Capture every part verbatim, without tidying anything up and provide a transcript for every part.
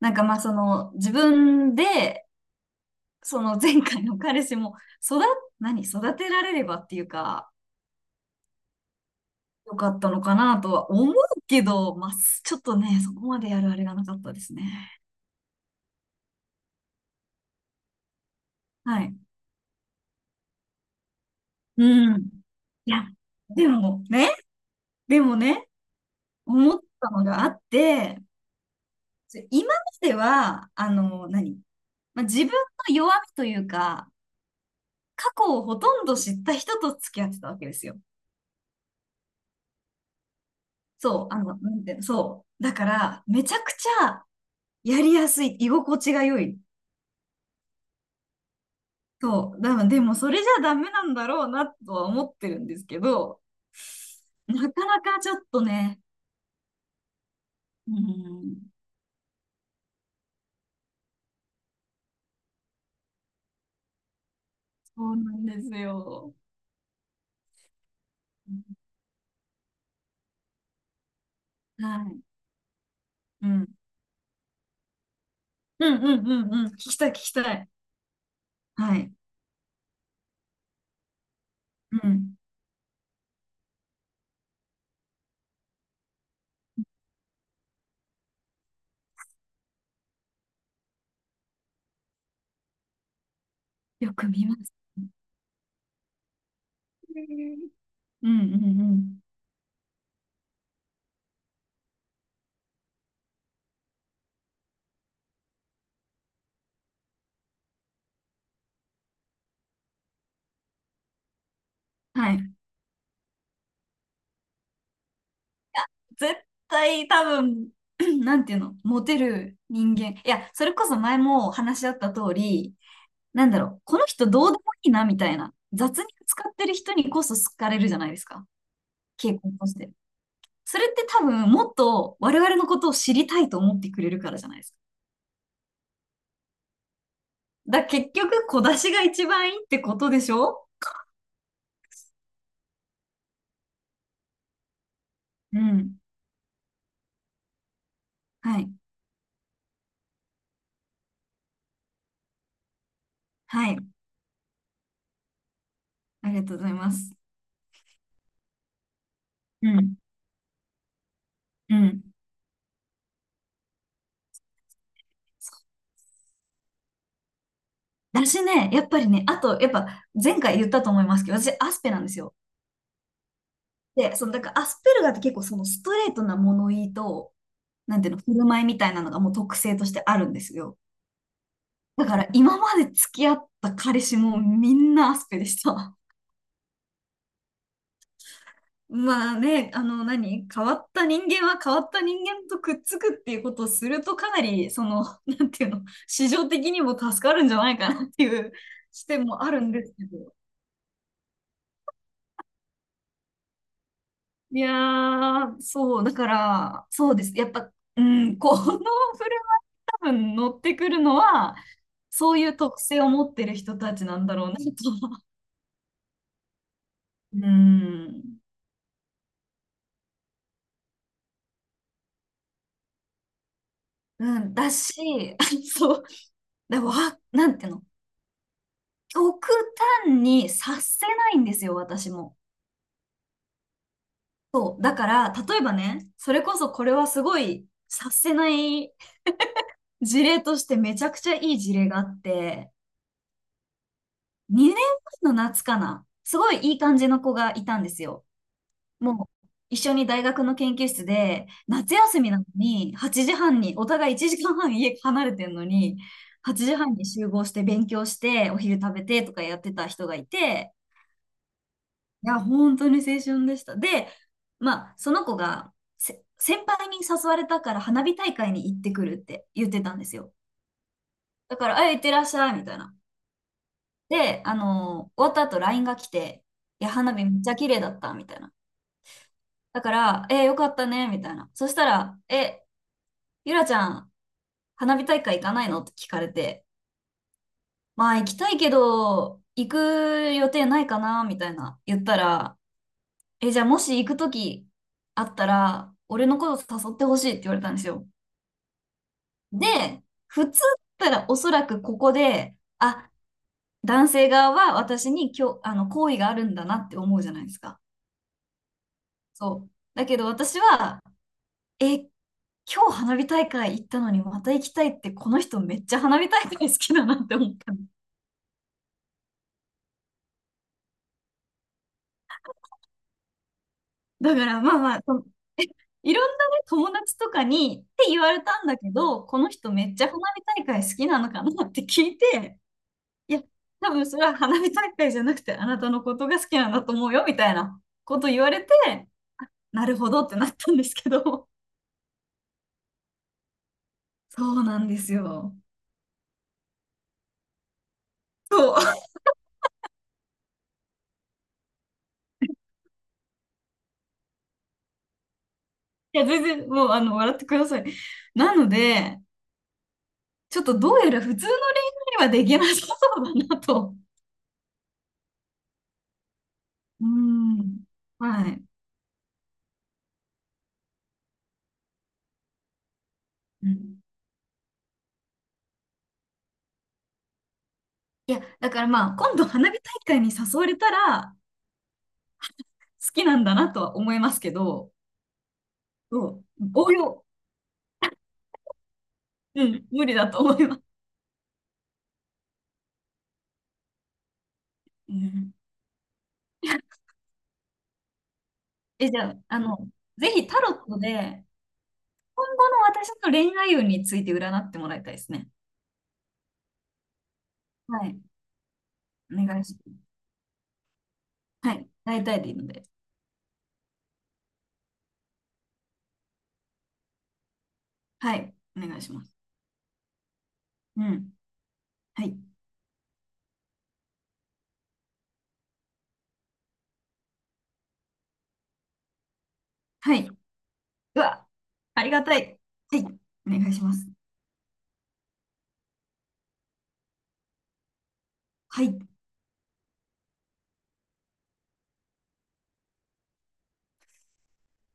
なんかまあその自分で、その前回の彼氏も育、何、育てられればっていうか、よかったのかなとは思うけど、まあちょっとね、そこまでやるあれがなかったですね。はい。うん。いや、でもね、でもね、思ったのがあって、今までは、あの、何、まあ、自分の弱みというか、過去をほとんど知った人と付き合ってたわけですよ。そう、あの、なんていうの、そう。だから、めちゃくちゃやりやすい、居心地が良い。そう。だからでも、それじゃダメなんだろうなとは思ってるんですけど、なかなかちょっとね、うん、そうなんですよ。はい。うん。うんうんうんうん。聞きたい、聞きたい。はい。うん。よく見ます。うんうんうん。はい。絶対多分、なんていうの、モテる人間。いや、それこそ前も話し合った通り、なんだろう、この人どうでもいいなみたいな、雑に使ってる人にこそ好かれるじゃないですか、傾向として。それって多分、もっと我々のことを知りたいと思ってくれるからじゃないですか。だ、結局、小出しが一番いいってことでしょうん。はい。はい。ありがとうございます。うん。うん。だしね、やっぱりね、あと、やっぱ前回言ったと思いますけど、私、アスペなんですよ。で、その、だからアスペルガーって結構そのストレートな物言いと、なんていうの、振る舞いみたいなのがもう特性としてあるんですよ。だから今まで付き合った彼氏もみんなアスペでした。まあね、あの何、変わった人間は変わった人間とくっつくっていうことをするとかなり、その、なんていうの、市場的にも助かるんじゃないかなっていう視点もあるんですけど。いやー、そう、だから、そうです。やっぱ、うん、この振る多分乗ってくるのは、そういう特性を持ってる人たちなんだろうなとは。うん。うん、だし、そう、でも、わなんていうの、極端に察せないんですよ、私も。そう、だから、例えばね、それこそこれはすごい察せない事例としてめちゃくちゃいい事例があって、にねんまえの夏かな、すごいいい感じの子がいたんですよ。もう一緒に大学の研究室で、夏休みなのにはちじはんに、お互いいちじかんはん家離れてるのに、はちじはんに集合して勉強して、お昼食べてとかやってた人がいて、いや、本当に青春でした。で、まあ、その子がせ先輩に誘われたから花火大会に行ってくるって言ってたんですよ。だから、あ、行ってらっしゃい、みたいな。で、あのー終わった後 ライン が来て、いや、花火めっちゃ綺麗だった、みたいな。だから、えーよかったね、みたいな。そしたら、え、ゆらちゃん、花火大会行かないのって聞かれて、まあ行きたいけど、行く予定ないかなみたいな言ったら、え、じゃあもし行くときあったら、俺のこと誘ってほしいって言われたんですよ。で、普通だったらおそらくここで、あ、男性側は私に今日、あの、好意があるんだなって思うじゃないですか。そう。だけど私は、え、今日花火大会行ったのにまた行きたいって、この人めっちゃ花火大会好きだなって思った。だからまあまあ、その いろんなね、友達とかにって言われたんだけど、この人めっちゃ花火大会好きなのかなって聞いて、いや、多分それは花火大会じゃなくてあなたのことが好きなんだと思うよみたいなこと言われて、なるほどってなったんですけど、そうなんですよ。そう。いや、全然もうあの笑ってください。なので、ちょっとどうやら普通の恋愛にはできなさそうだなと。うん。はい。うんいや、だからまあ、今度花火大会に誘われたら、好きなんだなとは思いますけど、そう、応用、うん、無理だと思います。うん、え、じゃあ、あの、ぜひタロットで、今後の私の恋愛運について占ってもらいたいですね。はい、お願いします。はい、大体でいいので、はい、お願いします。うん、はい、はい、うわ、ありがたい。はい、お願いします。はい、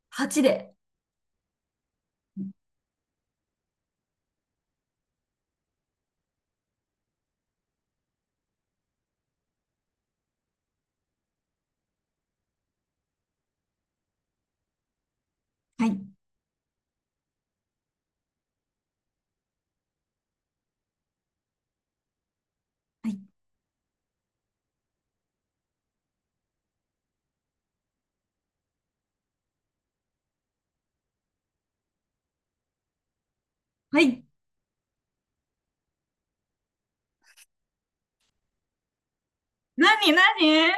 はちで。はい、はい、はい、何、何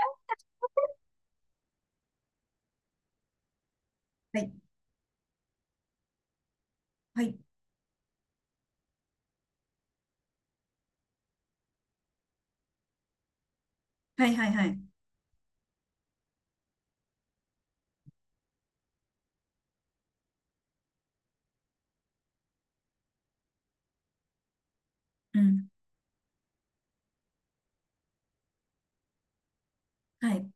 はい、はい。はいはいはい。うん。はい。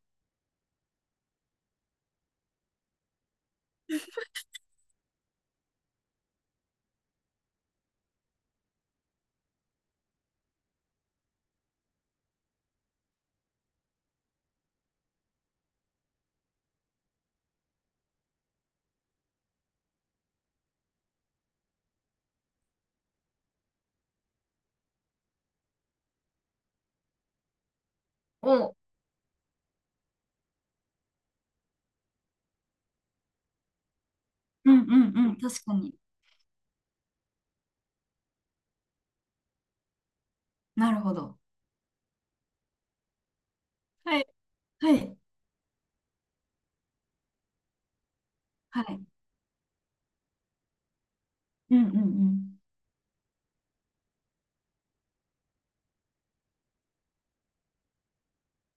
を、うんうんうん。確かに。なるほど。はい。はい。はい。うんうんうん。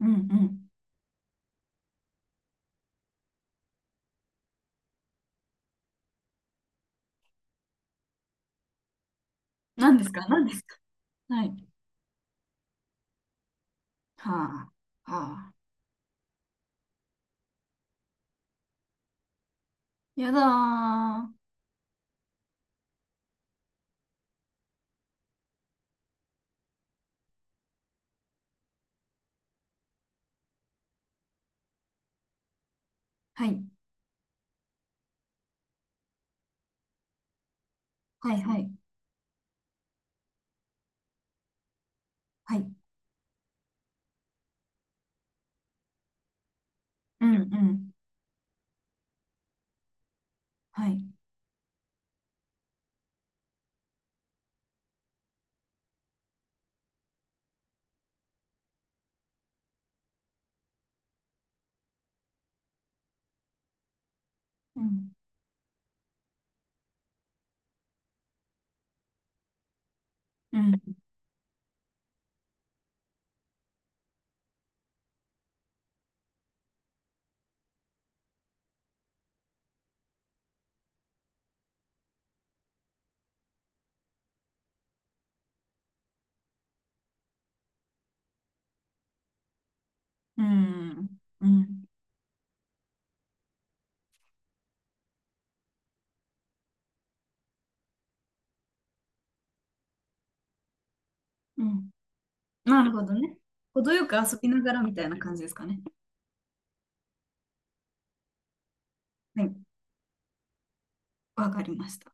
うんうん。何ですか何ですかはい。はあ。はあ。やだー。はい。はいはい。はい。うんうん。はい。うんうんうんうんうん。なるほどね。程よく遊びながらみたいな感じですかね。はい。わかりました。